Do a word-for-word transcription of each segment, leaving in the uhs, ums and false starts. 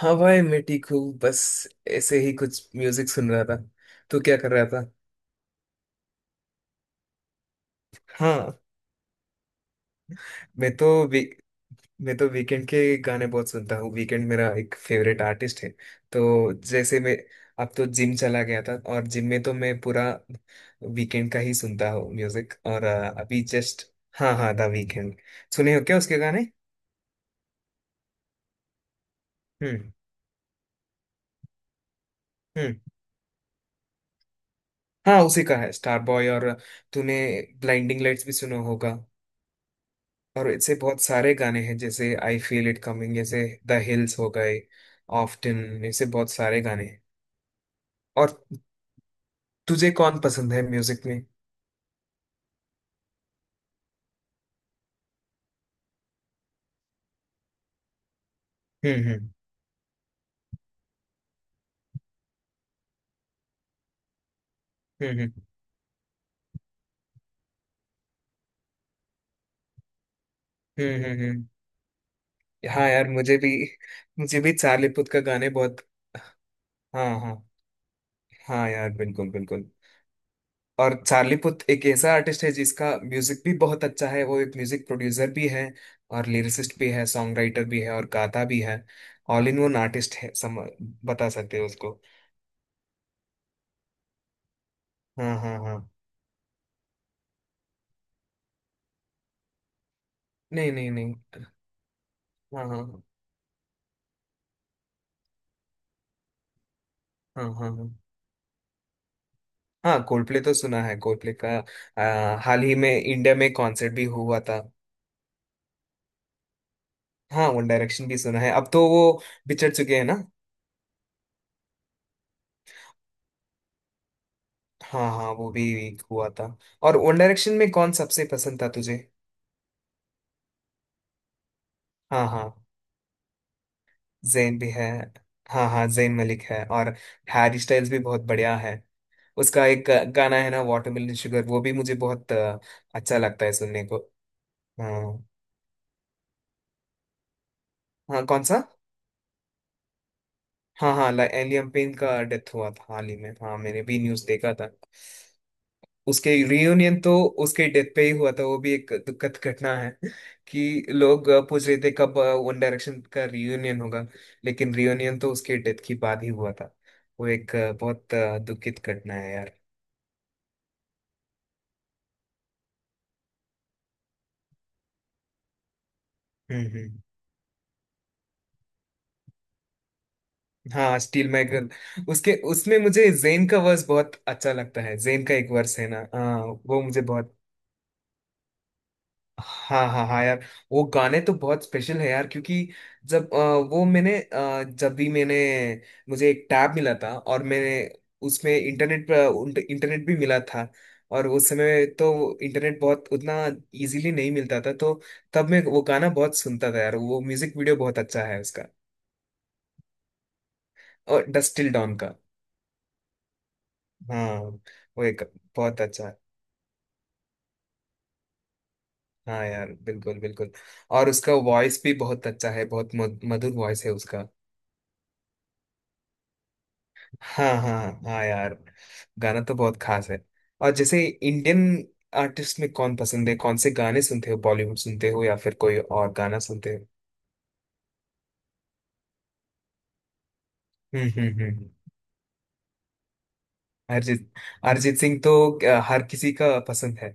हाँ भाई, मैं ठीक हूँ। बस ऐसे ही कुछ म्यूजिक सुन रहा था। तू क्या कर रहा था? हाँ, मैं तो वी, मैं तो वीकेंड के गाने बहुत सुनता हूँ। वीकेंड मेरा एक फेवरेट आर्टिस्ट है। तो जैसे मैं अब तो जिम चला गया था और जिम में तो मैं पूरा वीकेंड का ही सुनता हूँ म्यूजिक। और अ, अभी जस्ट। हाँ हाँ, द वीकेंड। सुने हो क्या उसके गाने? हम्म। हम्म। हाँ, उसी का है स्टार बॉय। और तूने ब्लाइंडिंग लाइट्स भी सुना होगा। और ऐसे बहुत सारे गाने हैं जैसे आई फील इट कमिंग, जैसे द हिल्स हो गए, ऑफ्टन, ऐसे बहुत सारे गाने हैं। और तुझे कौन पसंद है म्यूजिक में? हम्म हम्म हम्म हम्म हम्म हम्म हम्म। हाँ यार, मुझे भी मुझे भी चार्ली पुथ का गाने बहुत। हाँ हाँ। हाँ यार, बिल्कुल बिल्कुल। और चार्ली पुथ एक ऐसा आर्टिस्ट है जिसका म्यूजिक भी बहुत अच्छा है। वो एक म्यूजिक प्रोड्यूसर भी है और लिरिसिस्ट भी है, सॉन्ग राइटर भी है और गाता भी है। ऑल इन वन आर्टिस्ट है, सम बता सकते हो उसको। हाँ हाँ हाँ। नहीं नहीं नहीं। हाँ हाँ हाँ। हाँ हाँ हाँ, कोल्डप्ले तो सुना है, कोल्डप्ले का। आ, हाल ही में इंडिया में कॉन्सर्ट भी हुआ था। हाँ, वन डायरेक्शन भी सुना है। अब तो वो बिछड़ चुके हैं ना। हाँ हाँ, वो भी हुआ था। और वन डायरेक्शन में कौन सबसे पसंद था तुझे? हाँ हाँ, जेन भी है। हाँ हाँ, जेन मलिक है। और हैरी स्टाइल्स भी बहुत बढ़िया है। उसका एक अ, गाना है ना वाटरमेलन शुगर, वो भी मुझे बहुत आ, अच्छा लगता है सुनने को। हाँ हाँ। कौन सा? हाँ हाँ, एलियम पेन का डेथ हुआ था हाल ही में। हाँ, मैंने भी न्यूज देखा था। उसके रियूनियन तो उसके डेथ पे ही हुआ था। वो भी एक दुखद घटना है कि लोग अ, पूछ रहे थे कब वन डायरेक्शन का रियूनियन होगा। लेकिन रियूनियन तो उसके डेथ के बाद ही हुआ था। वो एक अ, बहुत अ, दुखित घटना है यार। हम्म हम्म। हाँ स्टील माई गर्ल, उसके उसमें मुझे जेन का वर्स बहुत अच्छा लगता है। जेन का एक वर्स है ना। हाँ। वो मुझे बहुत। हाँ हाँ हाँ यार, वो गाने तो बहुत स्पेशल है यार क्योंकि जब अ, वो मैंने अ, जब भी मैंने मुझे एक टैब मिला था और मैंने उसमें इंटरनेट पर इंटरनेट भी मिला था। और उस समय तो इंटरनेट बहुत उतना इजीली नहीं मिलता था, तो तब मैं वो गाना बहुत सुनता था यार। वो म्यूजिक वीडियो बहुत अच्छा है उसका। और डस्ट टिल डॉन का। हाँ। वो एक बहुत अच्छा है। हाँ यार, बिल्कुल बिल्कुल। और उसका वॉइस भी बहुत अच्छा है, बहुत मध- मधुर वॉइस है उसका। हाँ हाँ हाँ यार, गाना तो बहुत खास है। और जैसे इंडियन आर्टिस्ट में कौन पसंद है? कौन से गाने सुनते हो? बॉलीवुड सुनते हो या फिर कोई और गाना सुनते हो? हम्म हम्म हम्म हम्म। अरिजीत, अरिजीत सिंह तो अ, हर किसी का पसंद है।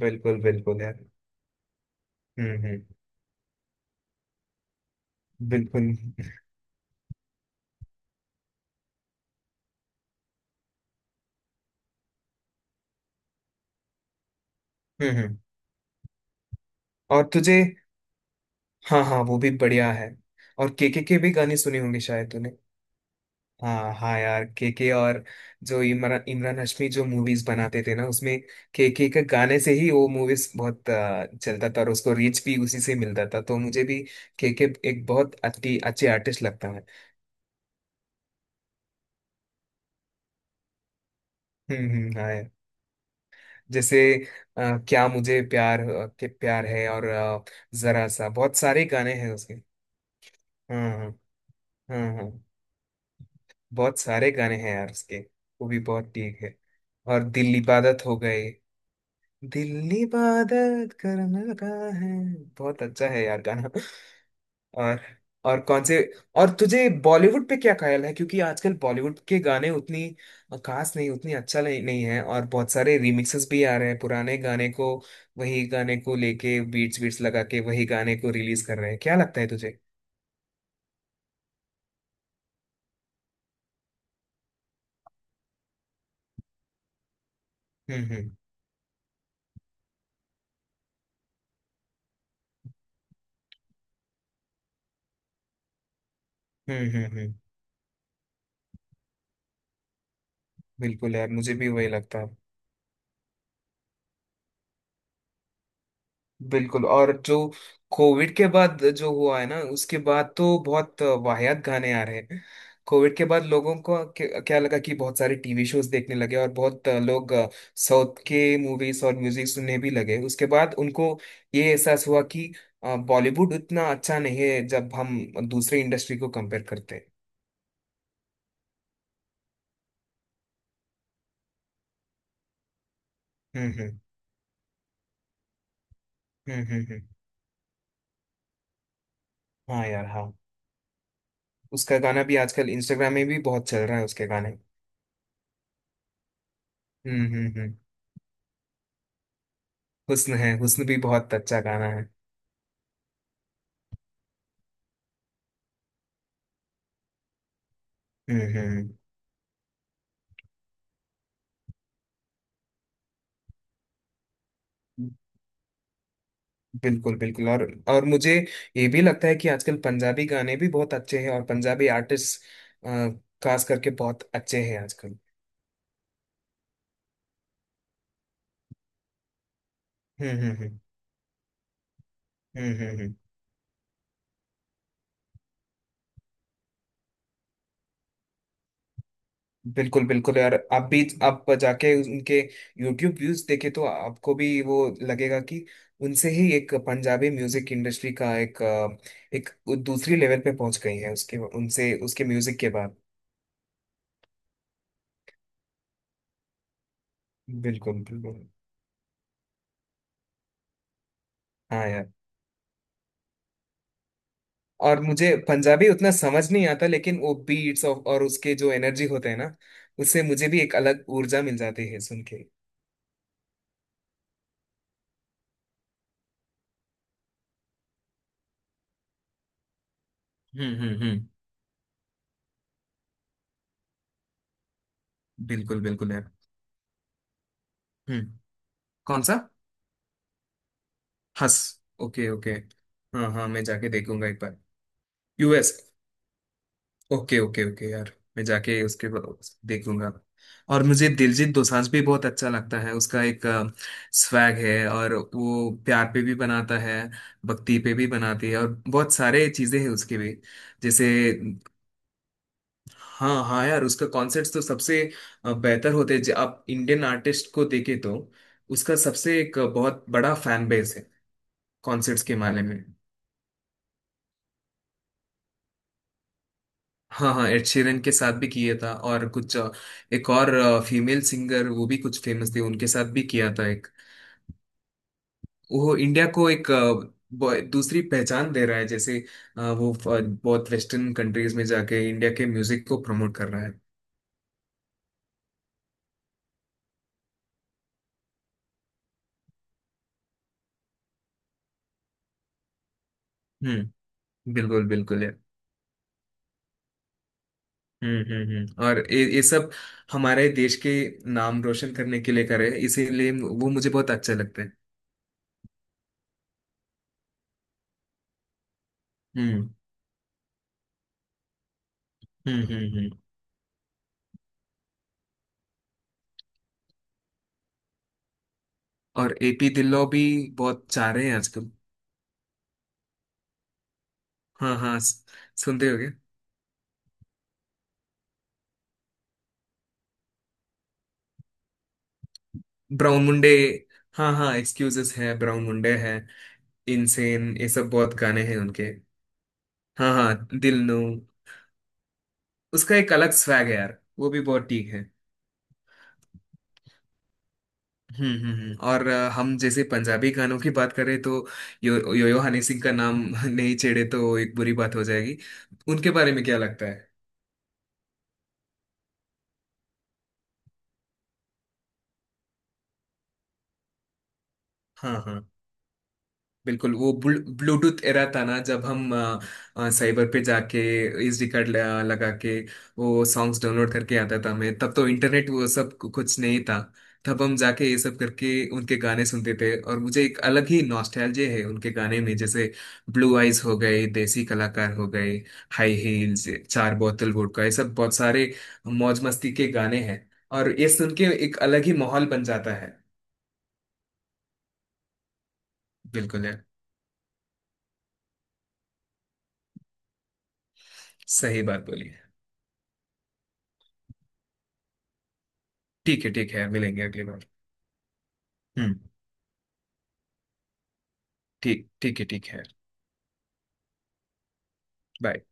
बिल्कुल बिल्कुल यार। हम्म हम्म। बिल्कुल। हम्म हम्म। और तुझे। हाँ हाँ, वो भी बढ़िया है। और के के के भी गाने सुने होंगे शायद। हाँ हाँ यार, केके और जो इमरान इमरान हाशमी जो मूवीज बनाते थे ना उसमें केके के के गाने से ही वो मूवीज बहुत आ, चलता था और उसको रीच भी उसी से मिलता था। तो मुझे भी केके एक बहुत अच्छी अच्छे आर्टिस्ट लगता है। हम्म हम्म। हाँ यार। जैसे आ, क्या मुझे प्यार आ, के प्यार है और आ, जरा सा, बहुत सारे गाने हैं उसके। हाँ हाँ हाँ हाँ। बहुत सारे गाने हैं यार उसके। वो भी बहुत ठीक है। और दिल इबादत हो गए, दिल इबादत करने लगा है, बहुत अच्छा है यार गाना। और और कौन से। और तुझे बॉलीवुड पे क्या ख्याल है, क्योंकि आजकल बॉलीवुड के गाने उतनी खास नहीं, उतनी अच्छा नहीं, नहीं है और बहुत सारे रिमिक्सेस भी आ रहे हैं पुराने गाने को, वही गाने को लेके बीट्स बीट्स लगा के वही गाने को रिलीज कर रहे हैं। क्या लगता है तुझे? हम्म हम्म हम्म हम्म हम्म। बिल्कुल यार, मुझे भी वही लगता है। बिल्कुल, और जो कोविड के बाद जो हुआ है ना, उसके बाद तो बहुत वाहियात गाने आ रहे हैं। कोविड के बाद लोगों को क्या क्या लगा कि बहुत सारे टीवी शोज देखने लगे और बहुत लोग साउथ के मूवीज और म्यूजिक सुनने भी लगे। उसके बाद उनको ये एहसास हुआ कि अ, बॉलीवुड उतना अच्छा नहीं है जब हम दूसरे इंडस्ट्री को कंपेयर करते हैं। हम्म हम्म हम्म हम्म हम्म। हाँ यार हाँ। उसका गाना भी आजकल इंस्टाग्राम में भी बहुत चल रहा है, उसके गाने। हम्म हम्म हम्म। हुस्न है, हुस्न भी बहुत अच्छा गाना है। हम्म हम्म। बिल्कुल बिल्कुल। और और मुझे ये भी लगता है कि आजकल पंजाबी गाने भी बहुत अच्छे हैं और पंजाबी आर्टिस्ट खास करके बहुत अच्छे हैं आजकल। हम्म हम्म हम्म हम्म हम्म, हम्म। बिल्कुल बिल्कुल यार, आप भी आप जाके उनके यूट्यूब व्यूज देखे तो आपको भी वो लगेगा कि उनसे ही एक पंजाबी म्यूजिक इंडस्ट्री का एक अ, एक दूसरी लेवल पे पहुंच गई है, उसके उनसे उसके म्यूजिक के बाद। बिल्कुल बिल्कुल। हाँ यार, और मुझे पंजाबी उतना समझ नहीं आता लेकिन वो बीट्स और, और उसके जो एनर्जी होते हैं ना, उससे मुझे भी एक अलग ऊर्जा मिल जाती है सुन के। हम्म हम्म हम्म। बिल्कुल बिल्कुल यार। हम्म। कौन सा? हंस। Okay okay. हाँ हाँ, मैं जाके देखूंगा एक बार। यूएस। ओके ओके ओके यार, मैं जाके उसके ब- देखूंगा। और मुझे दिलजीत दोसांझ भी बहुत अच्छा लगता है। उसका एक स्वैग है और वो प्यार पे भी बनाता है, भक्ति पे भी बनाती है और बहुत सारे चीजें हैं उसके भी। जैसे हाँ हाँ यार, उसका कॉन्सर्ट्स तो सबसे अ, बेहतर होते हैं जब आप इंडियन आर्टिस्ट को देखे तो। उसका सबसे एक बहुत बड़ा फैन बेस है कॉन्सर्ट्स के मामले में। हाँ हाँ, एड शीरन के साथ भी किया था और कुछ अ, एक और फीमेल सिंगर वो भी कुछ फेमस थी, उनके साथ भी किया था एक। वो इंडिया को एक अ, ब- दूसरी पहचान दे रहा है। जैसे अ, वो अ, बहुत वेस्टर्न कंट्रीज में जाके इंडिया के म्यूजिक को प्रमोट कर रहा है। हम्म। बिल्कुल बिल्कुल यार। हम्म हम्म हम्म। और ये ये सब हमारे देश के नाम रोशन करने के लिए करे इसीलिए वो मुझे बहुत अच्छा लगता है। हम्म हम्म हम्म हम्म। और एपी ढिल्लो भी बहुत चाह रहे हैं आजकल। हाँ हाँ, स- सुनते होगे। ब्राउन मुंडे। हाँ हाँ, एक्सक्यूजेस है, ब्राउन मुंडे है, इनसेन, ये सब बहुत गाने हैं उनके। हाँ हाँ, दिल नो। उसका एक अलग स्वैग है यार, वो भी बहुत ठीक है। हम्म हम्म हम्म। और अ, हम जैसे पंजाबी गानों की बात करें तो यो यो, यो हनी सिंह का नाम नहीं छेड़े तो एक बुरी बात हो जाएगी। उनके बारे में क्या लगता है? हाँ हाँ। बिल्कुल, वो ब्लूटूथ एरा था ना जब हम साइबर पे जाके एसडी कार्ड लगा लगा के वो सॉन्ग्स डाउनलोड करके आता था। मैं तब तो इंटरनेट वो सब कु- कुछ नहीं था। तब हम जाके ये सब करके उनके गाने सुनते थे और मुझे एक अलग ही नॉस्टैल्जिया है उनके गाने में, जैसे ब्लू आइज हो गए, देसी कलाकार हो गए, हाई हील्स, चार बोतल वोडका, ये सब बहुत सारे मौज मस्ती के गाने हैं। और ये सुन के एक अलग ही माहौल बन जाता है। बिल्कुल है, सही बात बोली है। ठीक है ठीक है, मिलेंगे अगली बार। हम्म। ठीक, ठीक है, ठीक है। Bye.